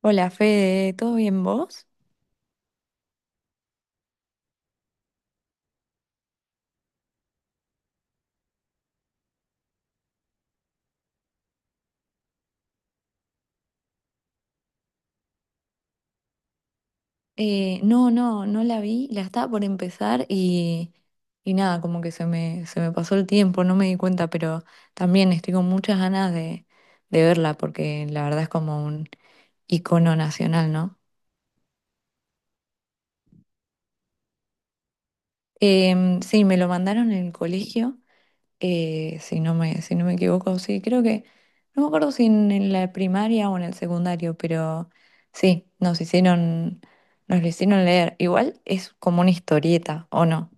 Hola Fede, ¿todo bien vos? No la vi, la estaba por empezar y nada, como que se me pasó el tiempo, no me di cuenta, pero también estoy con muchas ganas de verla porque la verdad es como un icono nacional, ¿no? Sí, me lo mandaron en el colegio, si no me equivoco, sí, creo que, no me acuerdo si en la primaria o en el secundario, pero sí, nos lo hicieron leer. Igual es como una historieta, ¿o no?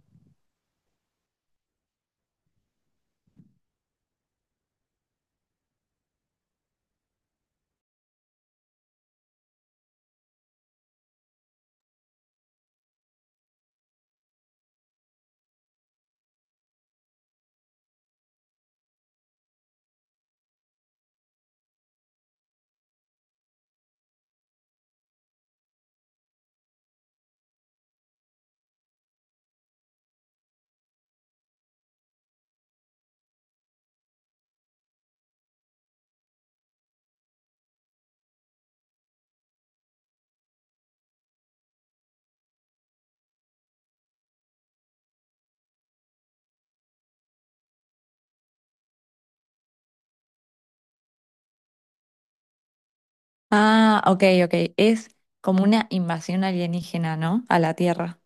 Ah, ok, ok, es como una invasión alienígena, ¿no? A la Tierra.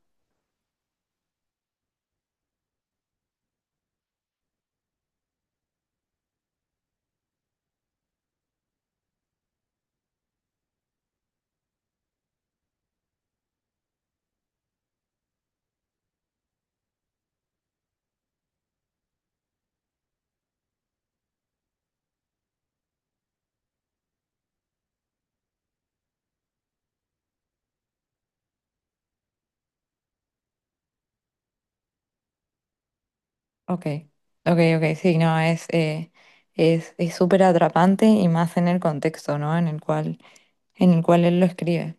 Ok, ok, ok, sí, no, es súper atrapante y más en el contexto, ¿no? En el cual él lo escribe.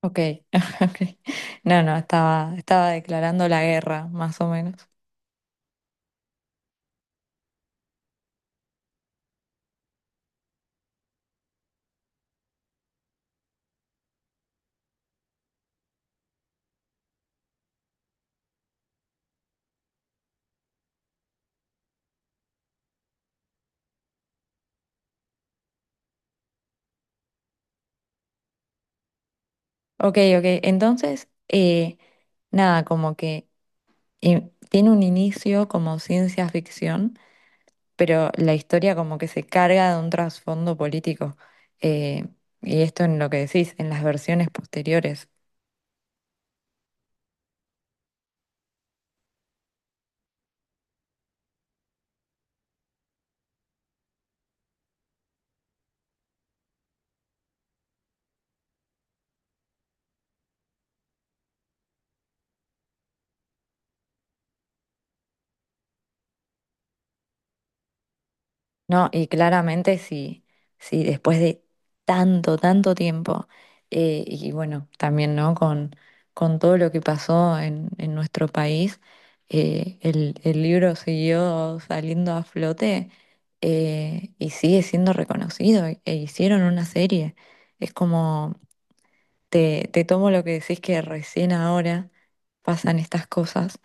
Ok, ok. No, no, estaba declarando la guerra, más o menos. Ok, ok. Entonces, nada, como que tiene un inicio como ciencia ficción, pero la historia como que se carga de un trasfondo político. Eh, y esto en lo que decís, en las versiones posteriores. No, y claramente sí, sí, después de tanto tiempo, y bueno, también, ¿no? Con todo lo que pasó en nuestro país, el libro siguió saliendo a flote, y sigue siendo reconocido, e hicieron una serie. Es como, te tomo lo que decís que recién ahora pasan estas cosas,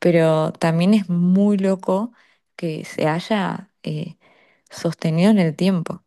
pero también es muy loco que se haya sostenido en el tiempo.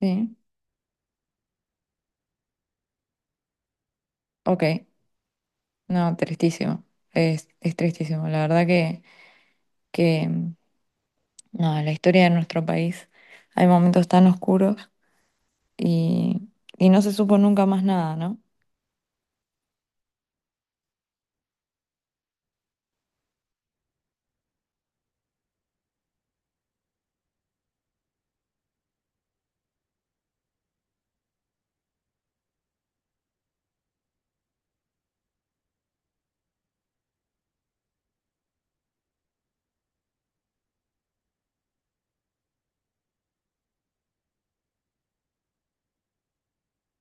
Sí, ok, no, tristísimo, es tristísimo, la verdad que, no, la historia de nuestro país, hay momentos tan oscuros y, y no se supo nunca más nada, ¿no?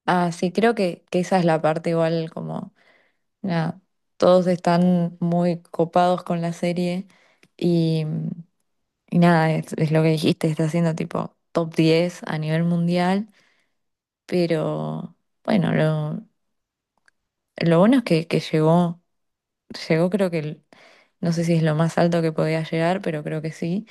Ah, sí, creo que esa es la parte igual como, nada, todos están muy copados con la serie y mm, Y nada, es lo que dijiste, está haciendo tipo top 10 a nivel mundial, pero bueno, lo bueno es que llegó, llegó creo que, no sé si es lo más alto que podía llegar, pero creo que sí,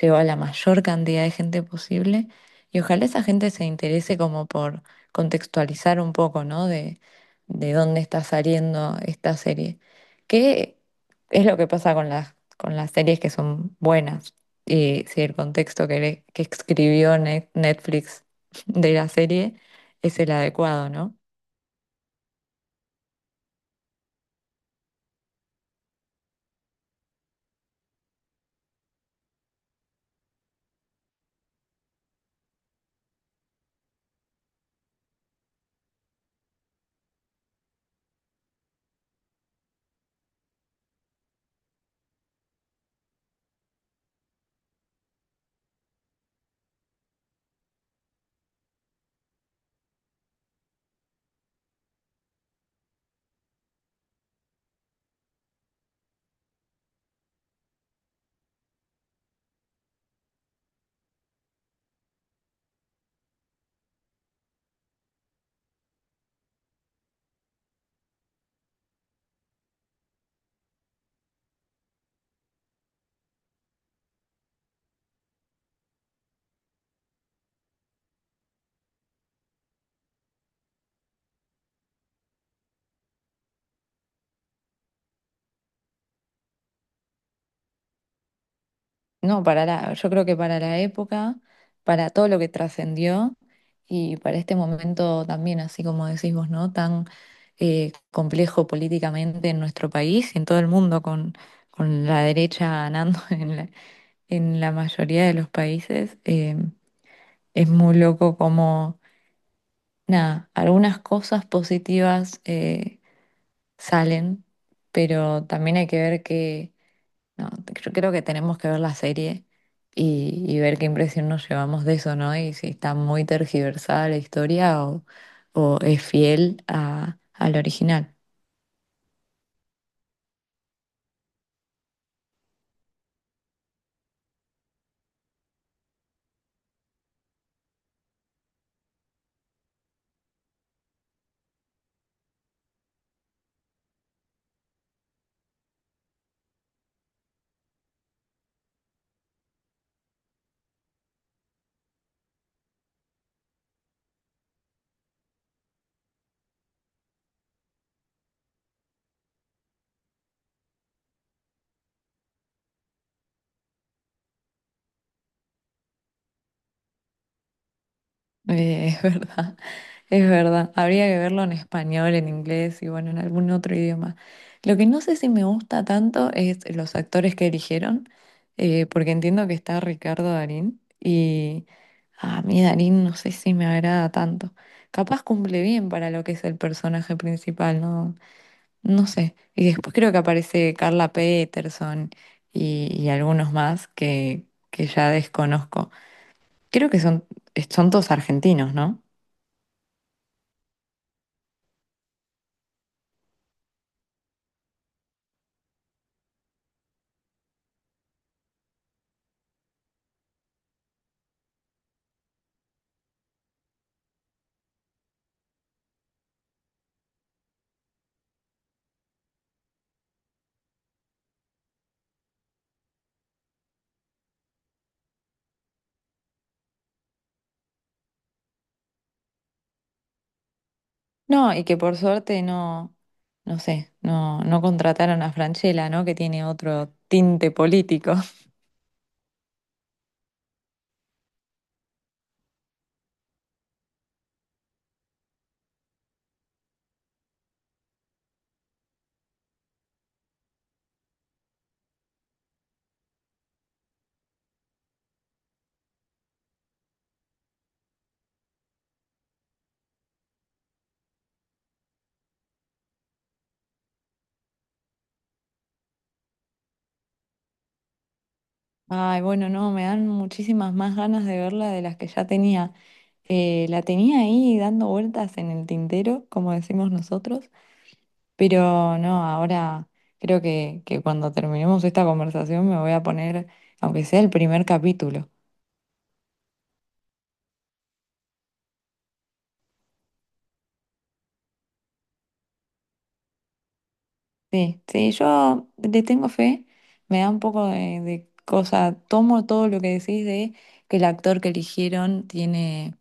llegó a la mayor cantidad de gente posible y ojalá esa gente se interese como por contextualizar un poco, ¿no? De dónde está saliendo esta serie. ¿Qué es lo que pasa con con las series que son buenas? Y si el contexto que, que escribió Netflix de la serie es el adecuado, ¿no? No, yo creo que para la época, para todo lo que trascendió y para este momento también, así como decís vos, ¿no? Tan complejo políticamente en nuestro país y en todo el mundo, con la derecha ganando en la mayoría de los países, es muy loco como, nada, algunas cosas positivas salen, pero también hay que ver que no, creo que tenemos que ver la serie y ver qué impresión nos llevamos de eso, ¿no? Y si está muy tergiversada la historia o es fiel a, al original. Es verdad, es verdad. Habría que verlo en español, en inglés y bueno, en algún otro idioma. Lo que no sé si me gusta tanto es los actores que eligieron, porque entiendo que está Ricardo Darín y a mí Darín no sé si me agrada tanto. Capaz cumple bien para lo que es el personaje principal, no, no sé. Y después creo que aparece Carla Peterson y algunos más que ya desconozco. Creo que son, son todos argentinos, ¿no? No, y que por suerte no, no sé, no, no contrataron a Francella, ¿no? Que tiene otro tinte político. Ay, bueno, no, me dan muchísimas más ganas de verla de las que ya tenía. La tenía ahí dando vueltas en el tintero, como decimos nosotros, pero no, ahora creo que cuando terminemos esta conversación me voy a poner, aunque sea el primer capítulo. Sí, sí, yo le tengo fe, me da un poco de cosa, tomo todo lo que decís de que el actor que eligieron tiene,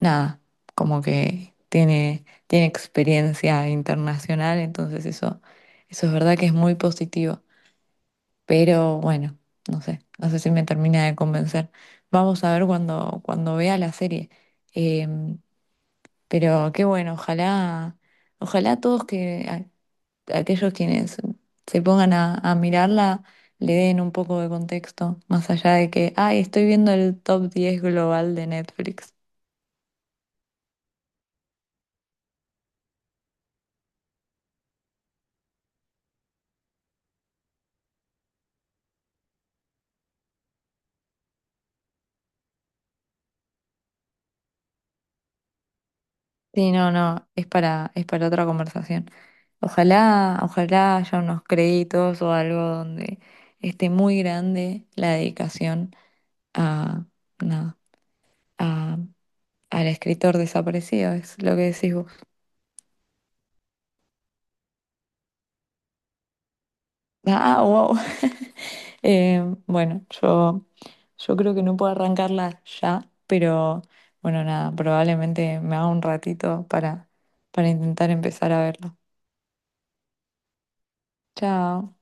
nada, como que tiene experiencia internacional, entonces eso es verdad que es muy positivo, pero bueno, no sé, no sé si me termina de convencer. Vamos a ver cuando vea la serie. Em, pero qué bueno, ojalá, ojalá todos que aquellos quienes se pongan a mirarla le den un poco de contexto, más allá de que, ay, estoy viendo el top 10 global de Netflix. Sí, no, no, es para otra conversación. Ojalá, ojalá haya unos créditos o algo donde esté muy grande la dedicación a, nada, a, al escritor desaparecido, es lo que decís vos. Ah, wow. Bueno, yo creo que no puedo arrancarla ya, pero bueno, nada, probablemente me haga un ratito para intentar empezar a verlo. Chao.